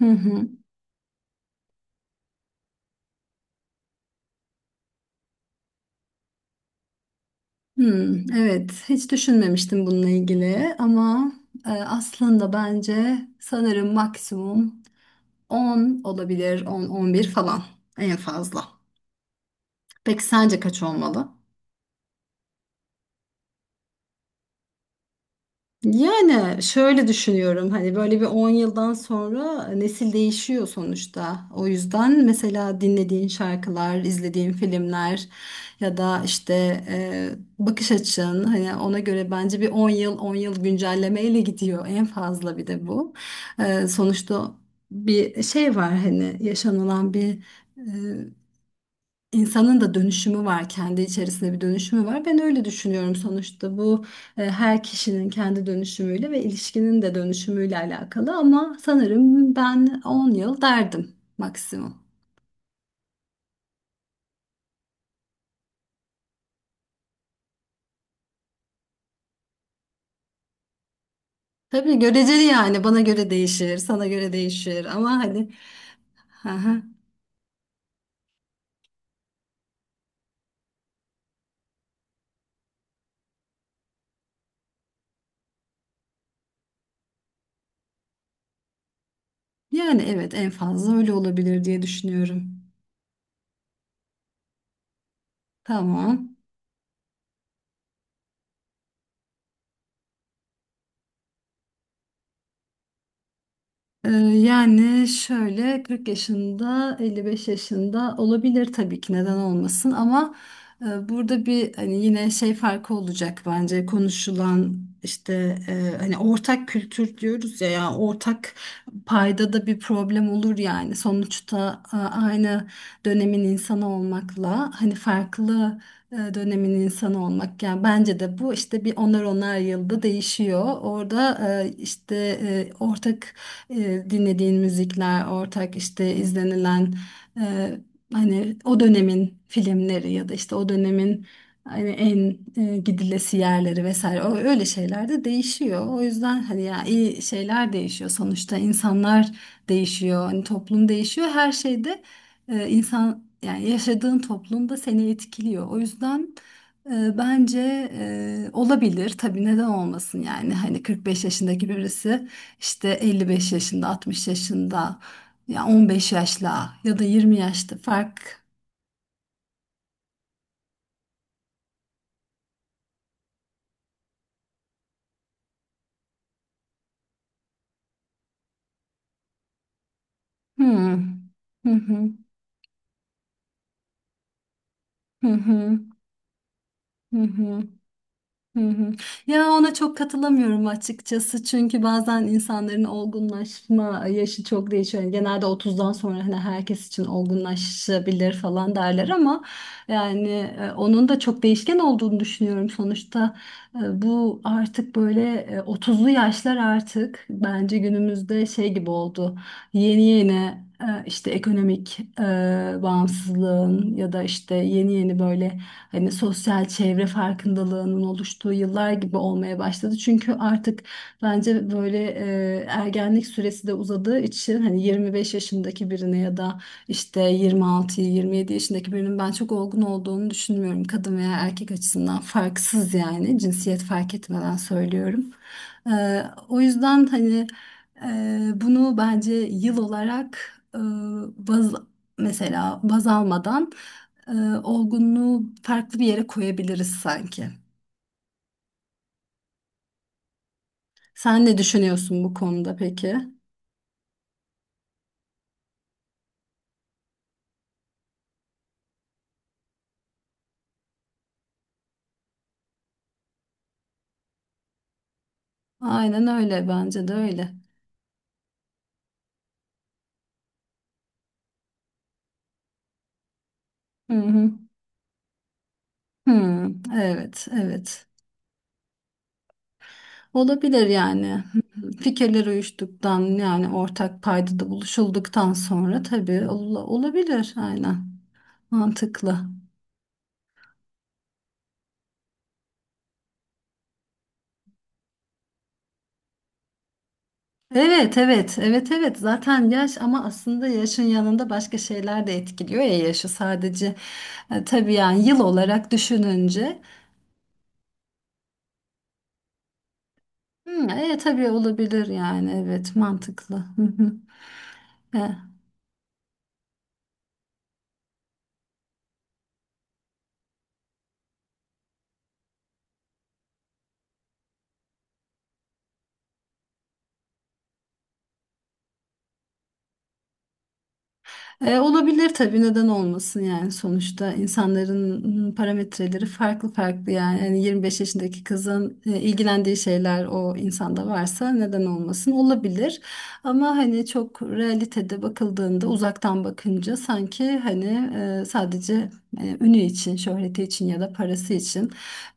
Hı hı. Hmm, evet, hiç düşünmemiştim bununla ilgili ama aslında bence sanırım maksimum 10 olabilir, 10-11 falan en fazla. Peki sence kaç olmalı? Yani şöyle düşünüyorum hani böyle bir 10 yıldan sonra nesil değişiyor sonuçta. O yüzden mesela dinlediğin şarkılar, izlediğin filmler ya da işte e, bakış açın hani ona göre bence bir 10 yıl 10 yıl güncellemeyle gidiyor en fazla bir de bu. Sonuçta bir şey var hani yaşanılan bir e, İnsanın da dönüşümü var, kendi içerisinde bir dönüşümü var. Ben öyle düşünüyorum sonuçta bu her kişinin kendi dönüşümüyle ve ilişkinin de dönüşümüyle alakalı ama sanırım ben 10 yıl derdim maksimum. Tabii göreceli yani bana göre değişir, sana göre değişir ama hani. Hı hı. Yani evet en fazla öyle olabilir diye düşünüyorum. Tamam. Ee, Yani şöyle 40 yaşında 55 yaşında olabilir tabii ki neden olmasın ama burada bir hani yine şey farkı olacak bence konuşulan işte hani ortak kültür diyoruz ya ya ortak payda da bir problem olur yani sonuçta aynı dönemin insanı olmakla hani farklı dönemin insanı olmak yani bence de bu işte bir onar onar yılda değişiyor orada işte ortak dinlediğin müzikler, ortak işte izlenilen e, hani o dönemin filmleri ya da işte o dönemin hani en gidilesi yerleri vesaire o öyle şeyler de değişiyor. O yüzden hani ya iyi şeyler değişiyor sonuçta insanlar değişiyor, hani toplum değişiyor. Her şeyde insan yani yaşadığın toplum da seni etkiliyor. O yüzden bence olabilir tabii neden olmasın yani hani 45 yaşındaki birisi işte 55 yaşında, 60 yaşında, ya 15 yaşla ya da 20 yaşta fark. Hmm. Hı hı. Hı hı. Hı hı. Hı hı. Ya ona çok katılamıyorum açıkçası çünkü bazen insanların olgunlaşma yaşı çok değişiyor. Yani genelde 30'dan sonra hani herkes için olgunlaşabilir falan derler ama yani onun da çok değişken olduğunu düşünüyorum. Sonuçta bu artık böyle 30'lu yaşlar artık bence günümüzde şey gibi oldu yeni yeni işte ekonomik bağımsızlığın ya da işte yeni yeni böyle hani sosyal çevre farkındalığının oluştuğu yıllar gibi olmaya başladı. Çünkü artık bence böyle ergenlik süresi de uzadığı için hani 25 yaşındaki birine ya da işte 26-27 yaşındaki birinin ben çok olgun olduğunu düşünmüyorum. Kadın veya erkek açısından farksız yani cinsiyet fark etmeden söylüyorum. E, o yüzden hani bunu bence yıl olarak baz, mesela baz almadan e, olgunluğu farklı bir yere koyabiliriz sanki. Sen ne düşünüyorsun bu konuda peki? Aynen öyle bence de öyle. Hı hı. Hı, evet, evet. Olabilir yani. Hı hı. Fikirler uyuştuktan yani ortak paydada buluşulduktan sonra tabii olabilir aynen. Mantıklı. Evet evet evet evet zaten yaş ama aslında yaşın yanında başka şeyler de etkiliyor ya yaşı sadece tabii yani yıl olarak düşününce. Hı, tabii olabilir yani evet mantıklı. Hı hı. E. olabilir tabii neden olmasın yani sonuçta insanların parametreleri farklı farklı yani 25 yaşındaki kızın ilgilendiği şeyler o insanda varsa neden olmasın olabilir ama hani çok realitede bakıldığında uzaktan bakınca sanki hani sadece ünü için şöhreti için ya da parası için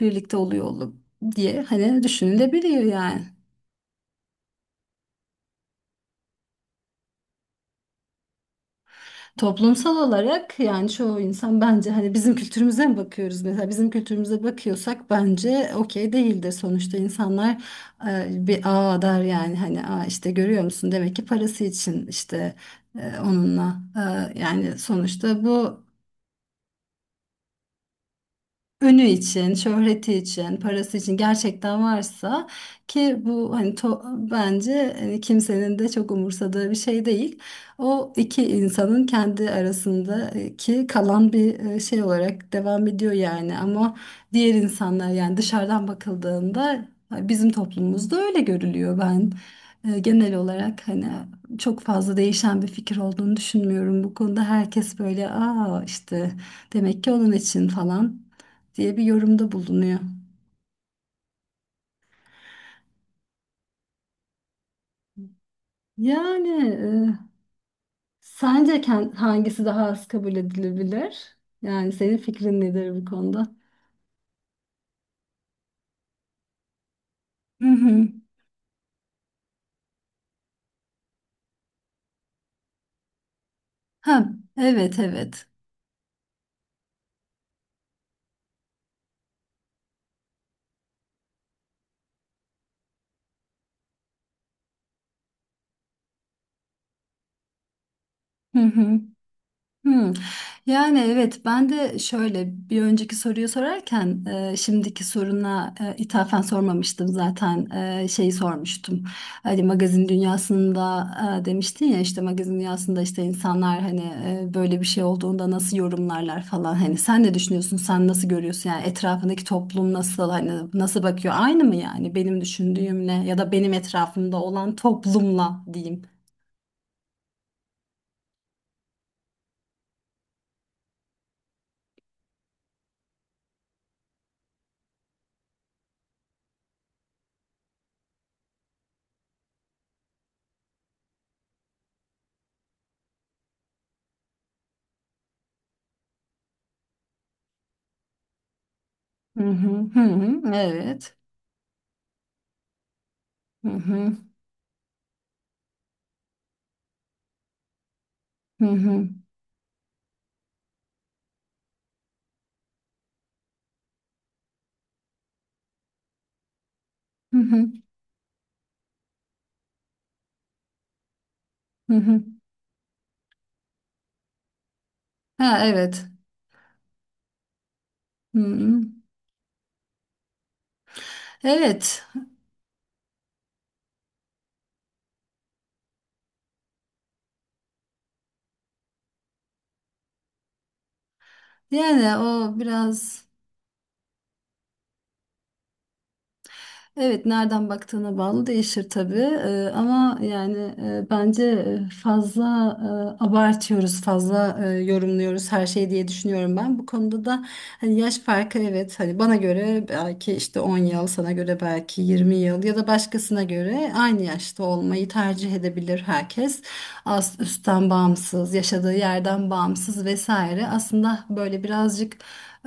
birlikte oluyor olup diye hani düşünülebiliyor yani. Toplumsal olarak yani çoğu insan bence hani bizim kültürümüze mi bakıyoruz mesela bizim kültürümüze bakıyorsak bence okey değildir sonuçta insanlar bir aa der yani hani aa işte görüyor musun demek ki parası için işte onunla. Yani sonuçta bu ünü için, şöhreti için, parası için gerçekten varsa ki bu hani bence hani kimsenin de çok umursadığı bir şey değil. O iki insanın kendi arasındaki kalan bir şey olarak devam ediyor yani ama diğer insanlar yani dışarıdan bakıldığında bizim toplumumuzda öyle görülüyor ben. Genel olarak hani çok fazla değişen bir fikir olduğunu düşünmüyorum bu konuda. Herkes böyle aa işte demek ki onun için falan diye bir yorumda bulunuyor. Yani sence hangisi daha az kabul edilebilir? Yani senin fikrin nedir bu konuda? Hı hı. Ha, evet evet. Hı hı. Hmm. Yani evet ben de şöyle bir önceki soruyu sorarken şimdiki soruna ithafen sormamıştım zaten şeyi sormuştum. Hani magazin dünyasında demiştin ya işte magazin dünyasında işte insanlar hani böyle bir şey olduğunda nasıl yorumlarlar falan hani sen ne düşünüyorsun sen nasıl görüyorsun yani etrafındaki toplum nasıl hani nasıl bakıyor aynı mı yani benim düşündüğümle ya da benim etrafımda olan toplumla diyeyim. Hı hı hı hı evet. Hı hı hı hı. Hı hı, hı hı. Ha, evet. Hı hı. Evet. Yani o biraz evet nereden baktığına bağlı değişir tabii. Ama yani bence fazla abartıyoruz, fazla yorumluyoruz her şeyi diye düşünüyorum ben. Bu konuda da hani yaş farkı evet hani bana göre belki işte 10 yıl, sana göre belki 20 yıl ya da başkasına göre aynı yaşta olmayı tercih edebilir herkes. As üstten bağımsız, yaşadığı yerden bağımsız vesaire. Aslında böyle birazcık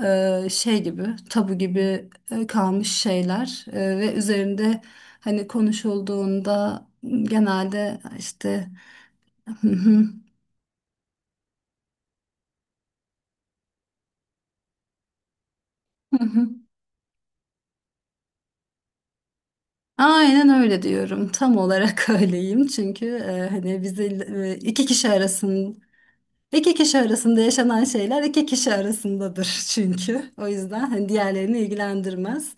şey gibi, tabu gibi kalmış şeyler ve üzerinde hani konuşulduğunda genelde işte "Hı hı, hı hı." Aynen öyle diyorum. Tam olarak öyleyim. Çünkü hani bizi e, iki kişi arasında iki kişi arasında yaşanan şeyler iki kişi arasındadır çünkü. O yüzden hani diğerlerini ilgilendirmez.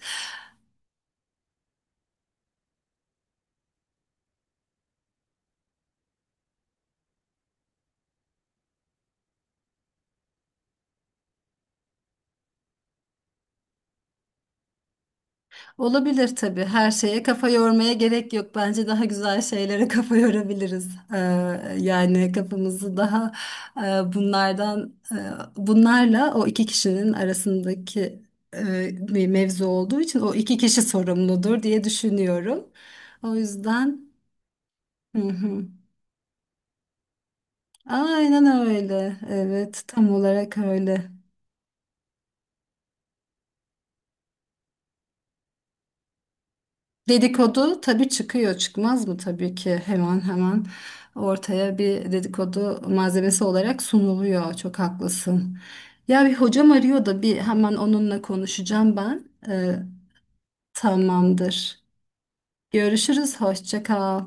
Olabilir tabii. Her şeye kafa yormaya gerek yok. Bence daha güzel şeylere kafa yorabiliriz. Ee, yani kafamızı daha e, bunlardan, e, bunlarla o iki kişinin arasındaki bir mevzu olduğu için o iki kişi sorumludur diye düşünüyorum. O yüzden, hı hı. Aynen öyle. Evet, tam olarak öyle. Dedikodu tabii çıkıyor çıkmaz mı tabii ki hemen hemen ortaya bir dedikodu malzemesi olarak sunuluyor çok haklısın. Ya bir hocam arıyor da bir hemen onunla konuşacağım ben. Ee, Tamamdır. Görüşürüz, hoşça kal.